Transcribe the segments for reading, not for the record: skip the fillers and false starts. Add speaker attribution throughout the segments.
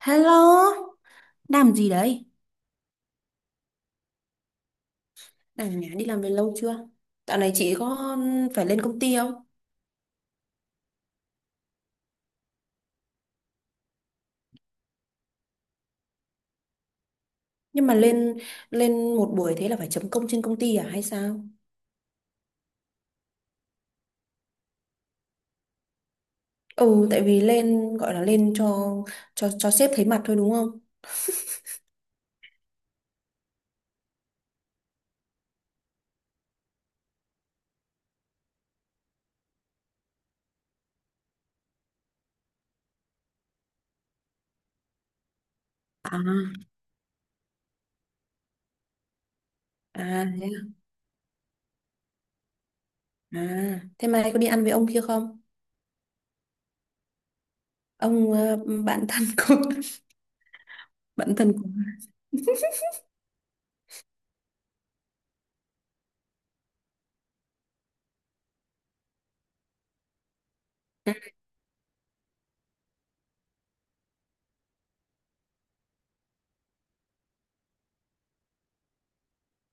Speaker 1: Hello, làm gì đấy? Đang ở nhà đi làm về lâu chưa? Dạo này chị có phải lên công ty không? Nhưng mà lên lên một buổi thế là phải chấm công trên công ty à hay sao? Ừ, tại vì lên gọi là lên cho sếp thấy mặt thôi đúng không? À, À, thế à. À, thế mai có đi ăn với ông kia không? Ông bạn thân của bạn thân của.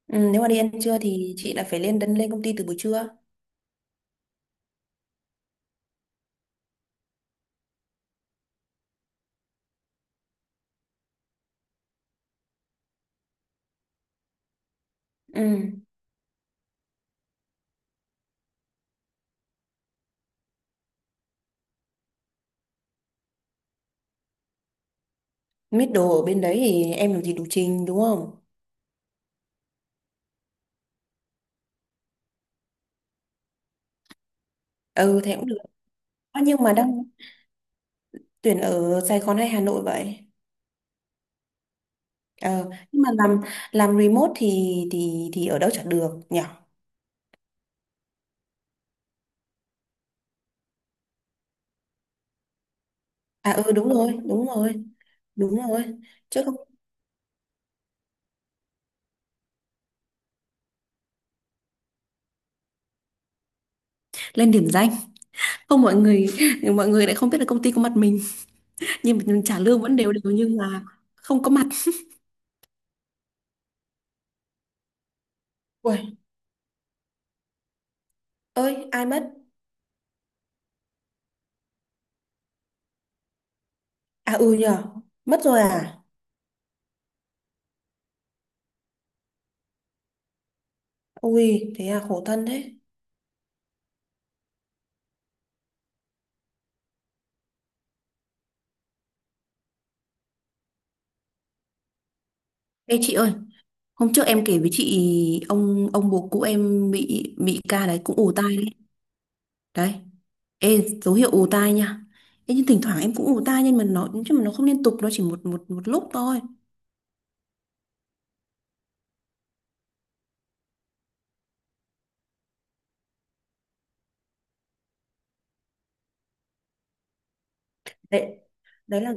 Speaker 1: Ừ, nếu mà đi ăn trưa thì chị lại phải lên công ty từ buổi trưa. Ừ. Mít đồ ở bên đấy thì em làm gì đủ trình đúng không? Ừ thế cũng. À nhưng mà đang tuyển ở Sài Gòn hay Hà Nội vậy? Ờ, nhưng mà làm remote thì thì ở đâu chẳng được nhỉ? À ừ đúng rồi, đúng rồi, đúng rồi. Chứ không lên điểm danh. Không, mọi người mọi người lại không biết là công ty có mặt mình, nhưng mà trả lương vẫn đều đều nhưng mà không có mặt. Ui, ơi ai mất? À ừ nhỉ, mất rồi à? Ui, thế à, khổ thân thế. Ê chị ơi, hôm trước em kể với chị ông bố cũ em bị ca đấy cũng ù tai đấy. Đấy. Ê, dấu hiệu ù tai nha. Ê, nhưng thỉnh thoảng em cũng ù tai nhưng mà nó không liên tục, nó chỉ một một một lúc thôi. Đấy, đấy là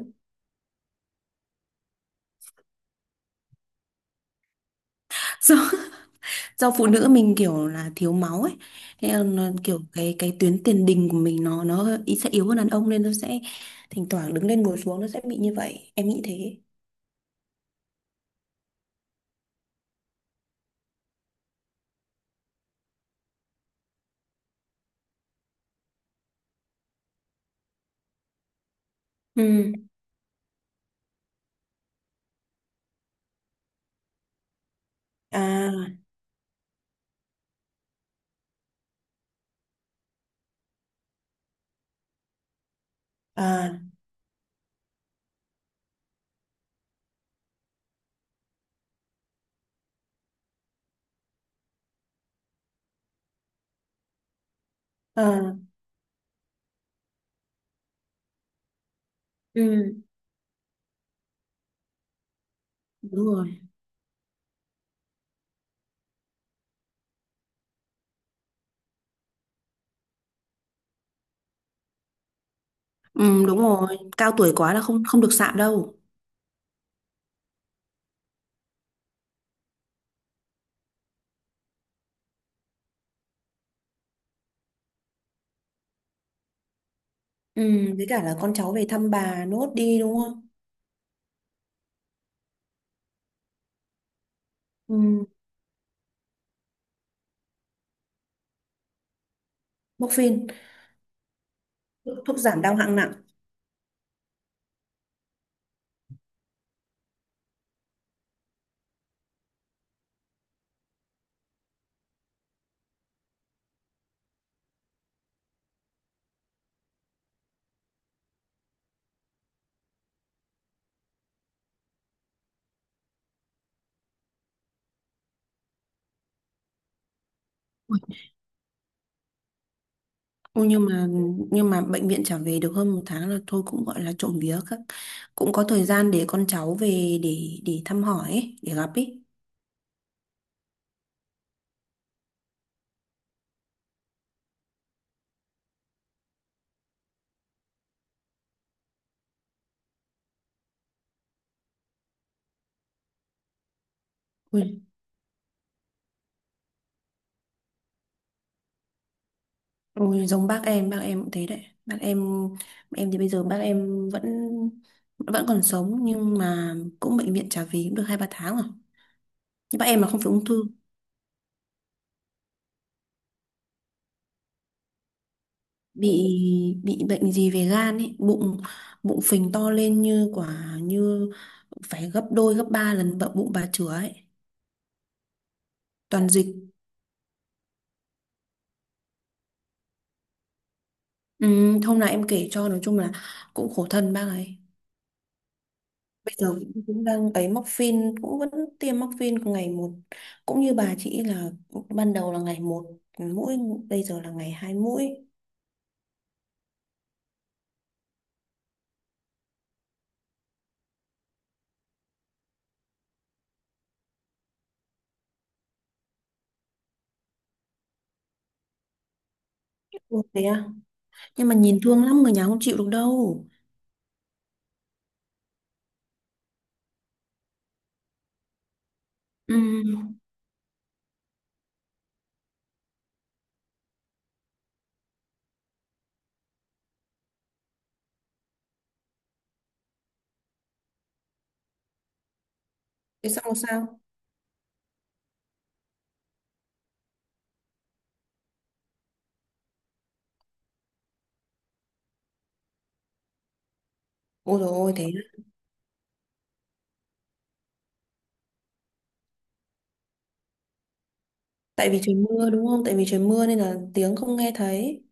Speaker 1: do, do phụ nữ mình kiểu là thiếu máu ấy. Thế là nó, kiểu cái tuyến tiền đình của mình nó hơi- ý sẽ yếu hơn đàn ông nên nó sẽ thỉnh thoảng đứng lên ngồi xuống nó sẽ bị như vậy. Em nghĩ thế. Ừ. À. À. À. Ừ. Đúng rồi. Ừ, đúng rồi. Cao tuổi quá là không, không được sạm đâu. Ừ, với cả là con cháu về thăm bà nốt đi đúng không. Ừ. Morphine, thuốc giảm đau hạng nặng. Ô, nhưng mà bệnh viện trả về được hơn một tháng là thôi, cũng gọi là trộm vía các, cũng có thời gian để con cháu về để thăm hỏi ấy, để gặp ấy. Ui, ui, giống bác em cũng thế đấy. Bác em thì bây giờ bác em vẫn vẫn còn sống nhưng mà cũng bệnh viện trả về cũng được hai ba tháng rồi. Nhưng bác em là không phải ung thư, bị bị bệnh gì về gan ấy, bụng bụng phình to lên như quả như phải gấp đôi gấp ba lần bụng bụng bà chửa ấy. Toàn dịch. Ừ, hôm nào em kể cho. Nói chung là cũng khổ thân bác ấy bây giờ cũng cũng đang ấy móc phin cũng vẫn tiêm móc phin ngày một, cũng như bà chị là ban đầu là ngày một mũi, bây giờ là ngày hai mũi. Ừ, thế à? Nhưng mà nhìn thương lắm, người nhà không chịu được đâu. Ừ. Thế xong rồi sao? Ôi dồi ôi thế. Tại vì trời mưa đúng không, tại vì trời mưa nên là tiếng không nghe thấy.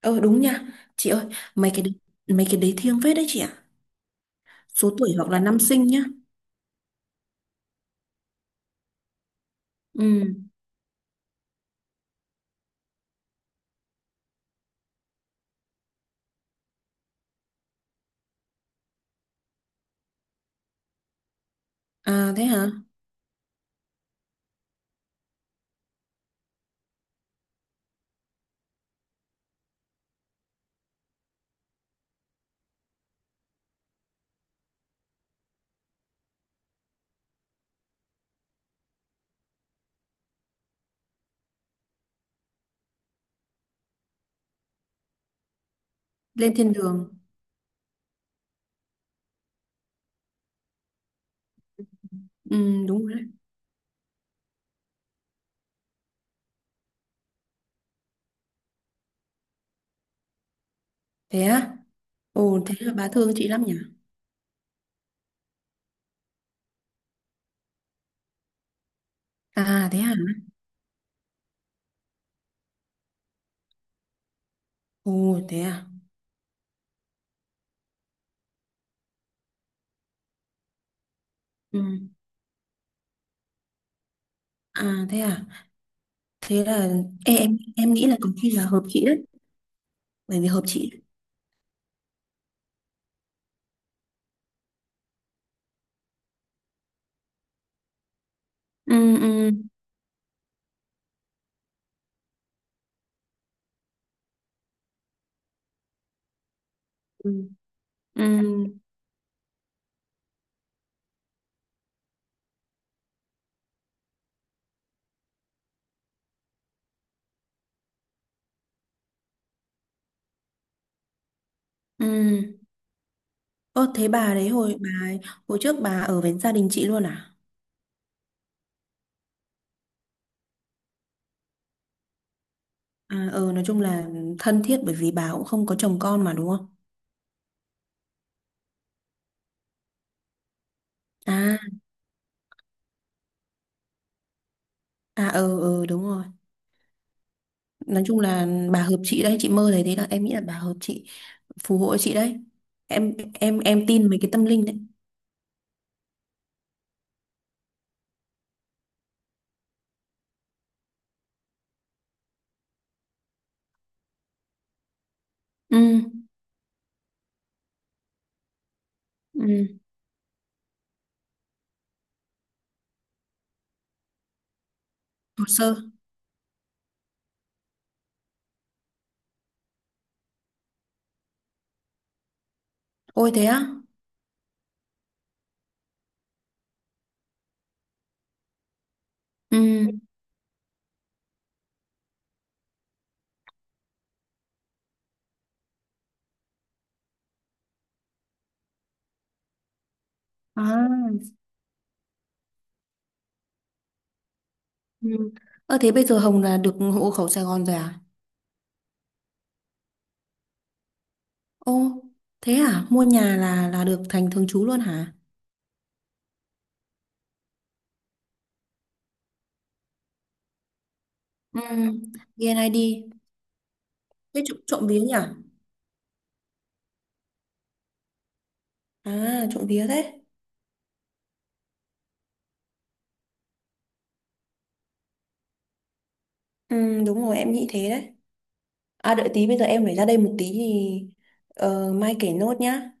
Speaker 1: Ơ đúng nha chị ơi, mấy cái đấy- mấy cái đấy thiêng phết đấy chị ạ. Số tuổi hoặc là năm sinh nhá. Ừ. À thế hả. Lên thiên đường. Ừ, đúng rồi đấy. Thế á? Ồ thế là bà thương chị lắm nhỉ. À thế à. Ồ thế à. Ừ. À thế à. Thế là. Ê, em nghĩ là có khi là hợp chị đấy, bởi vì hợp chị. Ừ. Ừ. Ừ. Ừ. Ừ. Ơ, thế bà đấy hồi bà ấy- hồi trước bà ở với gia đình chị luôn à? À ờ nói chung là thân thiết bởi vì bà cũng không có chồng con mà đúng không. À à ờ ờ đúng rồi. Nói chung là bà hợp chị đấy, chị mơ thấy thế là em nghĩ là bà hợp chị, phù hộ chị đấy. Em tin mấy cái tâm linh đấy. Ừ. Ừ. Hồ sơ. Ôi thế á. Ừ. À. Ừ. Ơ thế bây giờ Hồng là được hộ khẩu Sài Gòn rồi à? Ô thế à, mua nhà là được thành thường trú luôn hả? Ừ. VNID. Thế trộm vía nhỉ. À trộm vía thế. Ừ đúng rồi, em nghĩ thế đấy. À đợi tí, bây giờ em phải ra đây một tí thì ờ, mai kể nốt nhá.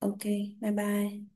Speaker 1: Ok, bye bye.